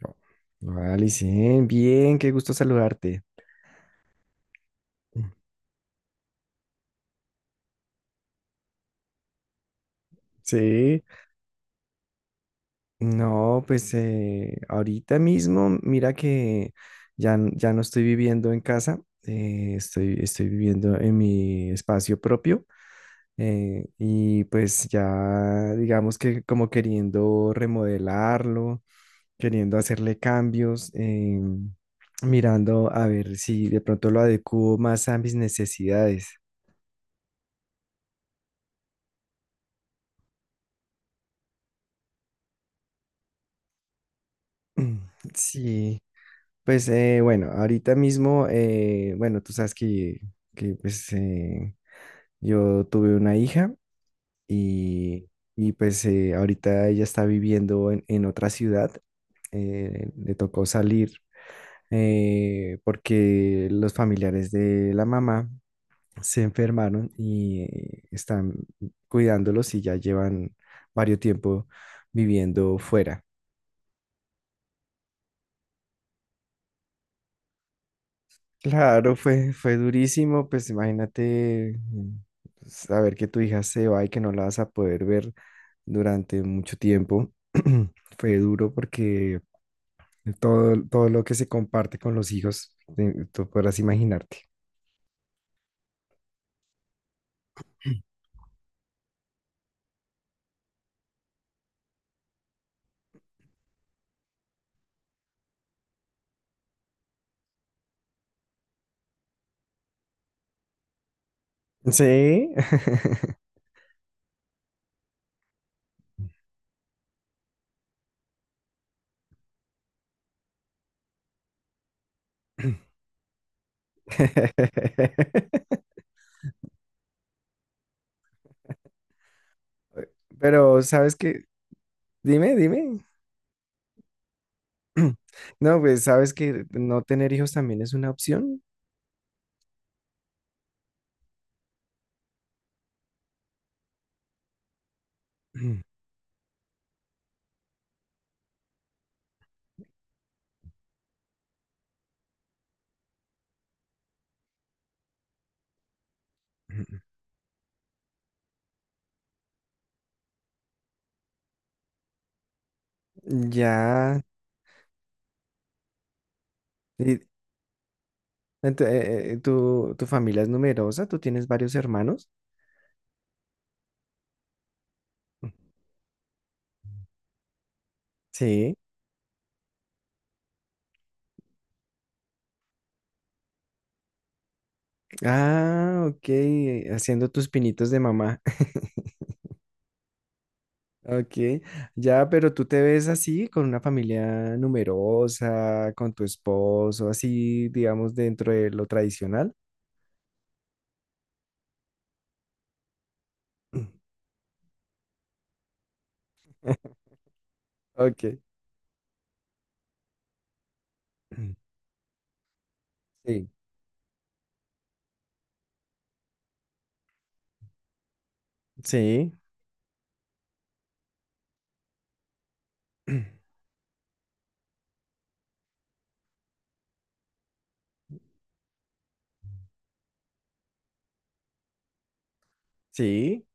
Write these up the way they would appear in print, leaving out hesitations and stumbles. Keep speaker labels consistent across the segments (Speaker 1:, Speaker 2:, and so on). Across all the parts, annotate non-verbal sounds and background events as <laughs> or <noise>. Speaker 1: No. Hola, Licen, bien, qué gusto saludarte. Sí, no, pues ahorita mismo, mira que ya, ya no estoy viviendo en casa, estoy viviendo en mi espacio propio, y pues ya digamos que como queriendo remodelarlo, queriendo hacerle cambios, mirando a ver si de pronto lo adecuo más a mis necesidades. <clears throat> Sí, pues bueno, ahorita mismo, bueno, tú sabes que, pues yo tuve una hija y, y, pues ahorita ella está viviendo en otra ciudad. Le tocó salir, porque los familiares de la mamá se enfermaron y están cuidándolos y ya llevan varios tiempo viviendo fuera. Claro, fue durísimo, pues imagínate, saber que tu hija se va y que no la vas a poder ver durante mucho tiempo. <clears throat> Fue duro porque todo lo que se comparte con los hijos, tú podrás imaginarte. Sí. <laughs> Pero, ¿sabes qué? Dime, dime. <clears throat> No, pues, ¿sabes que no tener hijos también es una opción? <clears throat> Ya. y- ¿tu, tu familia es numerosa? ¿Tú tienes varios hermanos? Sí. Ah, ok. Haciendo tus pinitos de mamá. <laughs> Ok. Ya, pero tú te ves así, con una familia numerosa, con tu esposo, así, digamos, dentro de lo tradicional. <clears throat> Ok. <clears throat> Sí. Sí. <clears throat> Sí.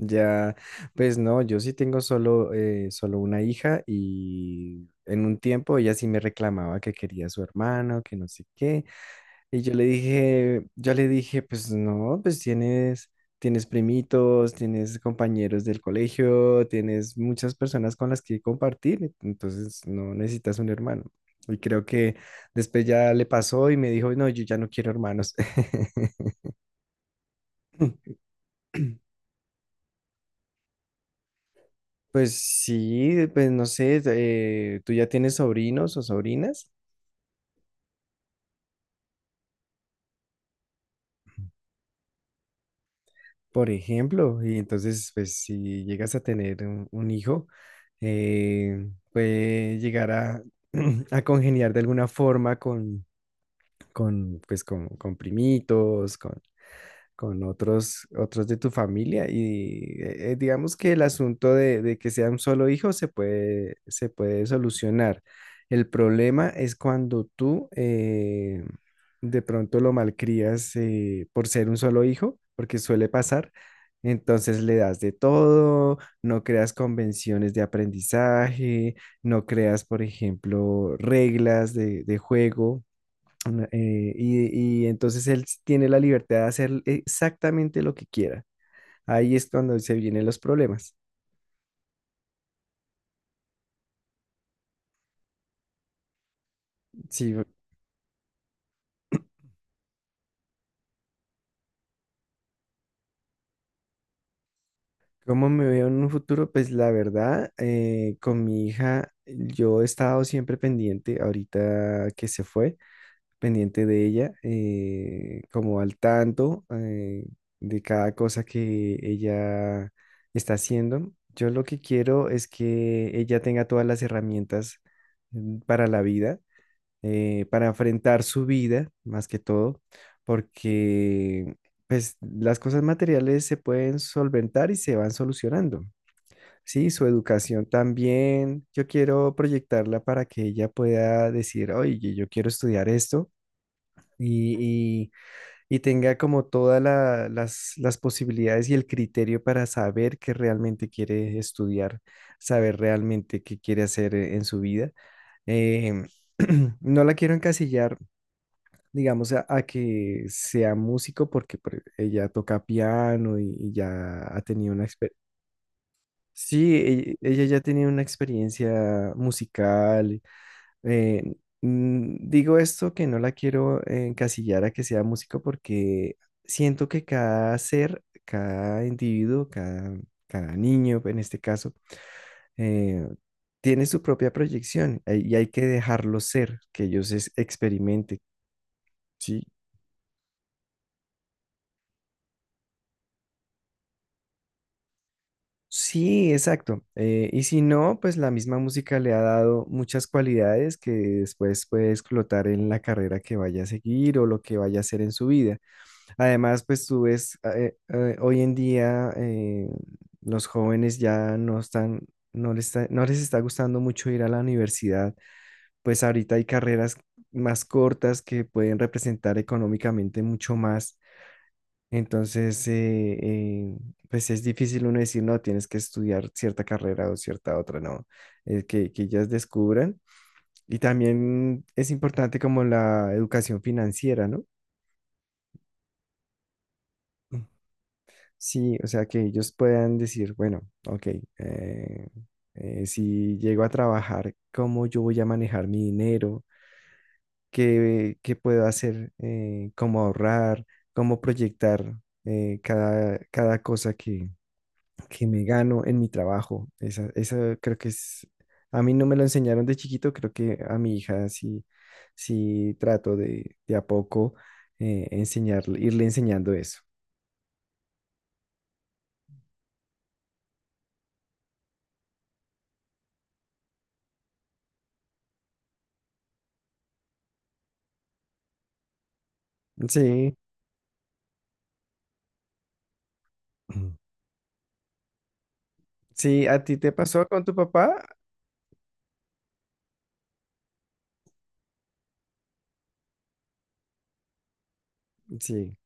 Speaker 1: Ya, pues no, yo sí tengo solo, solo una hija y en un tiempo ella sí me reclamaba que quería a su hermano, que no sé qué. Y yo le dije, pues no, pues tienes primitos, tienes compañeros del colegio, tienes muchas personas con las que compartir, entonces no necesitas un hermano. Y creo que después ya le pasó y me dijo, no, yo ya no quiero hermanos. <laughs> Pues sí, pues no sé, tú ya tienes sobrinos o sobrinas, por ejemplo, y entonces, pues si llegas a tener un hijo, puede llegar a, <clears throat> a congeniar de alguna forma con, pues, con primitos, con otros de tu familia y digamos que el asunto de que sea un solo hijo se puede solucionar. El problema es cuando tú de pronto lo malcrías, por ser un solo hijo, porque suele pasar. Entonces le das de todo, no creas convenciones de aprendizaje, no creas, por ejemplo, reglas de juego y entonces tiene la libertad de hacer exactamente lo que quiera. Ahí es cuando se vienen los problemas. Sí, ¿cómo me veo en un futuro? Pues la verdad, con mi hija, yo he estado siempre pendiente, ahorita que se fue, pendiente de ella, como al tanto, de cada cosa que ella está haciendo. Yo lo que quiero es que ella tenga todas las herramientas, para la vida, para enfrentar su vida, más que todo, porque pues las cosas materiales se pueden solventar y se van solucionando. Sí, su educación también, yo quiero proyectarla para que ella pueda decir, oye, yo quiero estudiar esto y, y- y tenga como todas las posibilidades y el criterio para saber qué realmente quiere estudiar, saber realmente qué quiere hacer en su vida. Em, <clears throat> no la quiero encasillar, digamos, a que sea músico porque pues, ella toca piano y ya ha tenido una experiencia. Sí, ella ya ha tenido una experiencia musical. eh, digo esto que no la quiero encasillar a que sea músico porque siento que cada ser, cada individuo, cada niño en este caso, eh, tiene su propia proyección, y hay que dejarlo ser, que ellos experimenten. ¿Sí? Sí, exacto. Y si no, pues la misma música le ha dado muchas cualidades que después puede explotar en la carrera que vaya a seguir o lo que vaya a hacer en su vida. Además, pues tú ves, hoy en día, los jóvenes ya no están, no les está gustando mucho ir a la universidad. Pues ahorita hay carreras más cortas que pueden representar económicamente mucho más. Entonces, pues es difícil uno decir, no, tienes que estudiar cierta carrera o cierta otra, no, que ellas descubran. Y también es importante como la educación financiera, ¿no? Sí, o sea, que ellos puedan decir, bueno, ok, eh, si llego a trabajar, ¿cómo yo voy a manejar mi dinero? ¿Qué, qué puedo hacer? ¿Cómo ahorrar? ¿Cómo proyectar, cada cosa que me gano en mi trabajo? Esa creo que es, a mí no me lo enseñaron de chiquito, creo que a mi hija sí, sí trato de a poco, enseñarle, irle enseñando eso. Sí, <clears throat> sí, ¿a ti te pasó con tu papá? Sí.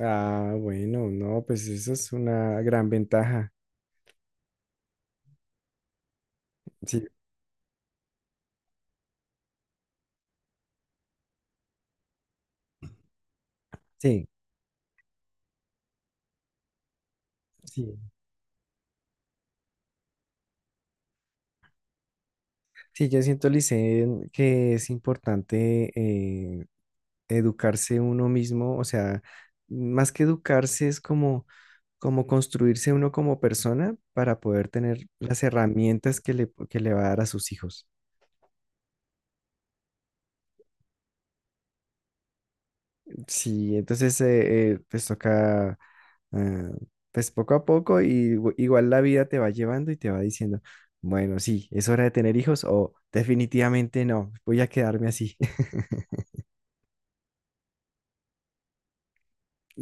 Speaker 1: Ah, bueno, no, pues eso es una gran ventaja. Sí, sí, sí. Sí, yo siento, Licen, que es importante, educarse uno mismo, o sea, más que educarse es como, como construirse uno como persona para poder tener las herramientas que que le va a dar a sus hijos. Sí, entonces pues toca, eh, pues poco a poco y igual la vida te va llevando y te va diciendo, bueno, sí, es hora de tener hijos o definitivamente no, voy a quedarme así. <laughs>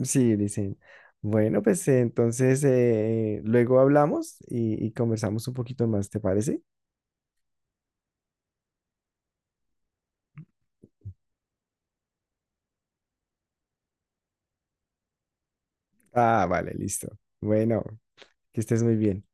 Speaker 1: Sí, dicen. Bueno, pues entonces luego hablamos y conversamos un poquito más, ¿te parece? Ah, vale, listo. Bueno, que estés muy bien.